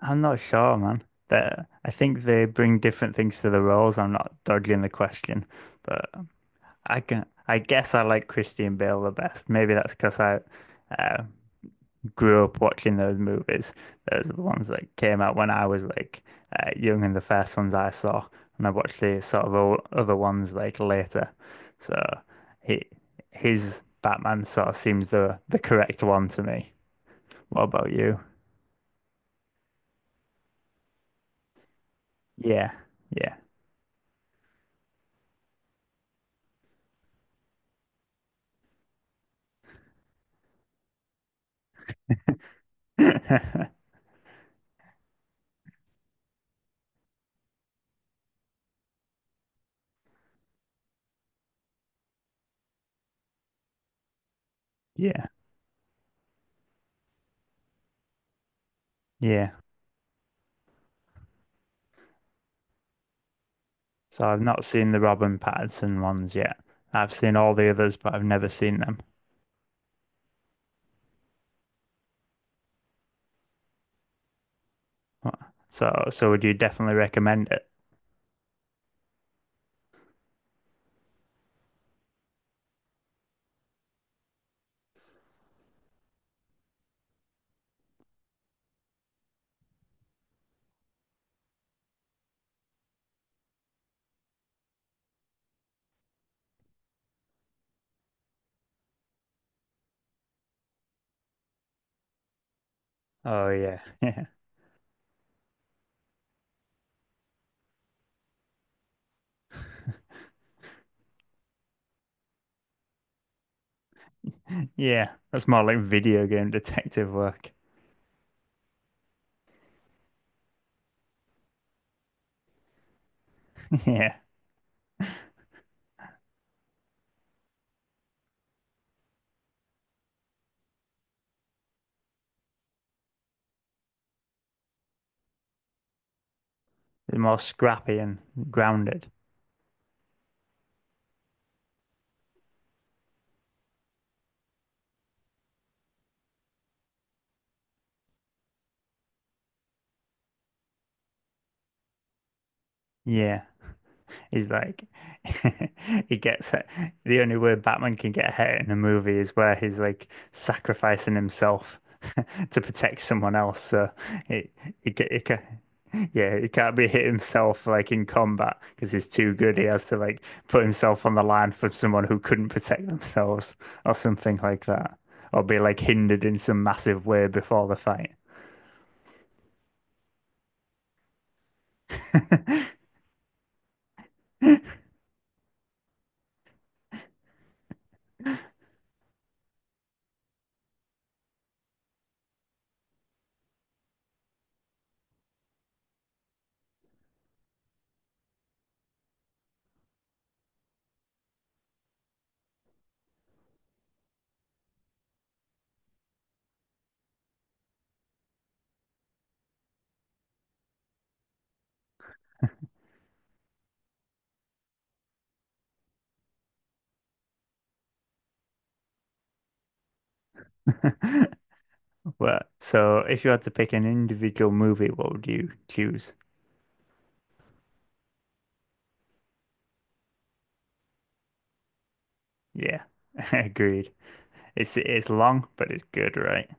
I'm not sure, man. That I think they bring different things to the roles. I'm not dodging the question, but I can. I guess I like Christian Bale the best. Maybe that's because I uh, grew up watching those movies. Those are the ones that came out when I was like young, and the first ones I saw, and I watched the sort of other ones like later. So he, his Batman sort of seems the correct one to me. What about you? Yeah, yeah, yeah. Yeah. So I've not seen the Robin Pattinson ones yet. I've seen all the others, but I've never seen them. So would you definitely recommend it? Oh yeah, yeah, yeah. That's more like video game detective work. Yeah, it's more scrappy and grounded. Yeah. He's like, he gets it. The only way Batman can get hit in a movie is where he's like sacrificing himself to protect someone else. So it, he, ca- he, ca- yeah, he can't be hit himself like in combat because he's too good. He has to like put himself on the line for someone who couldn't protect themselves, or something like that, or be like hindered in some massive way before the fight. Well, so if you had to pick an individual movie, what would you choose? Yeah, agreed. It's long, but it's good, right?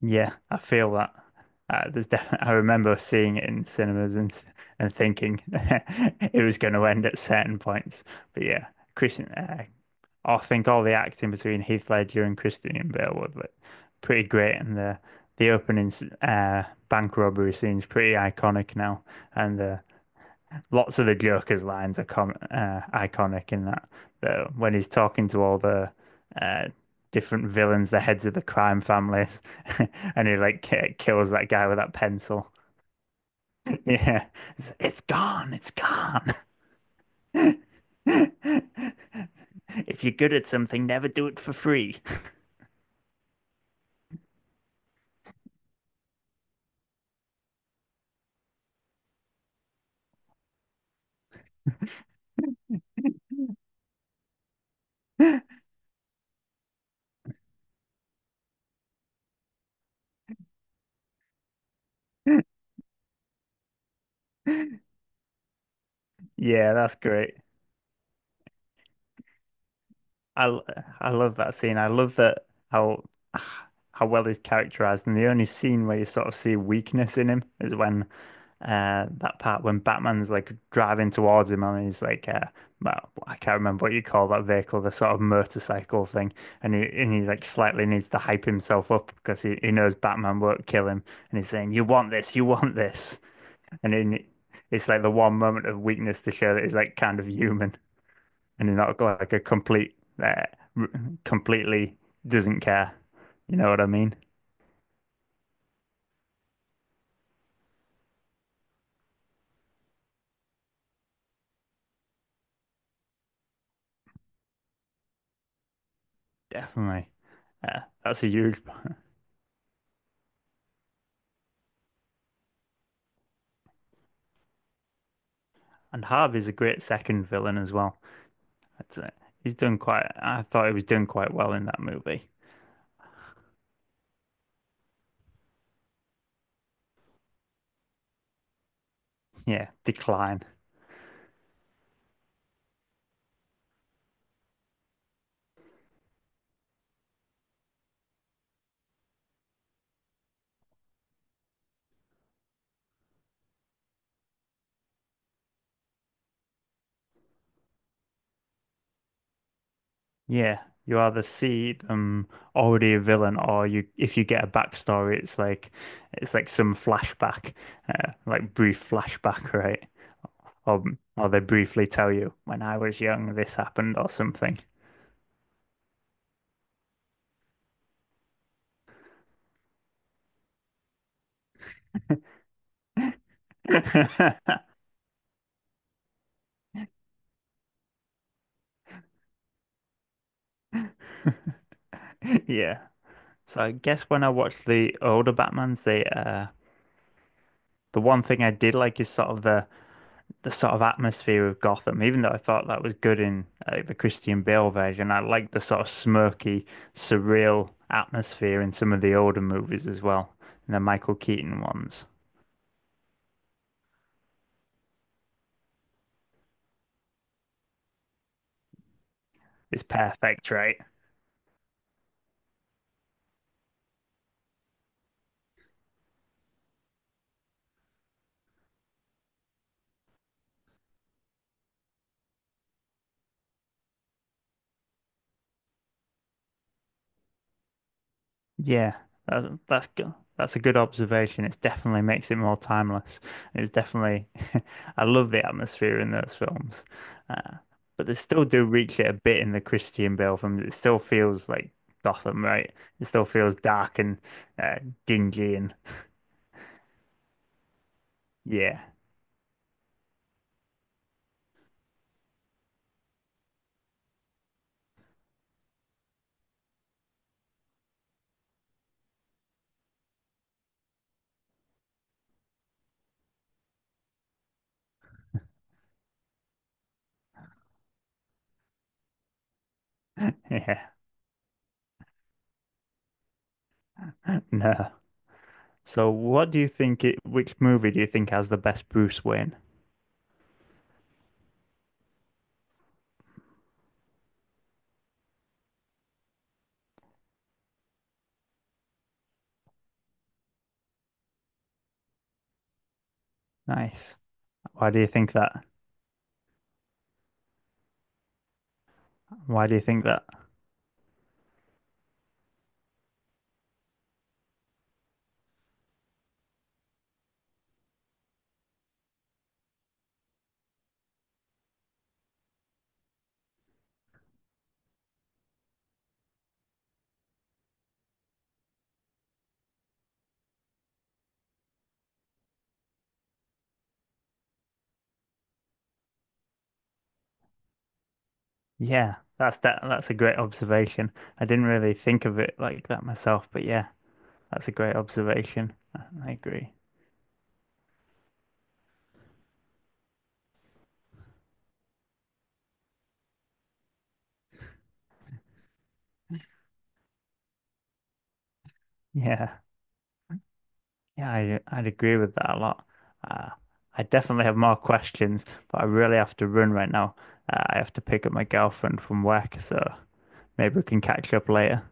Yeah, I feel that. There's definitely, I remember seeing it in cinemas and thinking it was going to end at certain points. But yeah, Christian, I think all the acting between Heath Ledger and Christian Bale was like, pretty great, and the opening bank robbery scene's pretty iconic now, and the lots of the Joker's lines are com iconic in that, though, when he's talking to all the uh, different villains, the heads of the crime families, and he like kills that guy with that pencil. Yeah, it's gone, it's gone. If you're good at something, never do it for free. Yeah, that's great. I love that scene. I love that how how well he's characterized, and the only scene where you sort of see weakness in him is when that part when Batman's like driving towards him and he's like well, I can't remember what you call that vehicle, the sort of motorcycle thing, and he like slightly needs to hype himself up because he knows Batman won't kill him, and he's saying you want this, and then it's like the one moment of weakness to show that he's like kind of human and you're not like a complete uh, completely doesn't care. You know what I mean? Definitely. That's a huge. Part. And Harvey's a great second villain as well. That's it. He's done quite. I thought he was doing quite well in that movie. Yeah, decline. Yeah, you either see them already a villain, or you if you get a backstory, it's like some flashback, like brief flashback, right? Or or they briefly tell you when I was young this happened or something. Yeah. So I guess when I watched the older Batmans, the one thing I did like is sort of the sort of atmosphere of Gotham. Even though I thought that was good in the Christian Bale version, I liked the sort of smirky, surreal atmosphere in some of the older movies as well, and the Michael Keaton ones. It's perfect, right? Yeah, that's good. That's a good observation. It definitely makes it more timeless. It's definitely, I love the atmosphere in those films, uh, but they still do reach it a bit in the Christian Bale films. It still feels like Gotham, right? It still feels dark and uh, dingy, and yeah, yeah, no. So, what do you think it? Which movie do you think has the best Bruce Wayne? Nice. Why do you think that? Why do you think that? Yeah, that's that that's a great observation. I didn't really think of it like that myself, but yeah, that's a great observation. I agree. Yeah. Yeah, I'd agree with that a lot. Uh, I definitely have more questions, but I really have to run right now. I have to pick up my girlfriend from work, so maybe we can catch up later.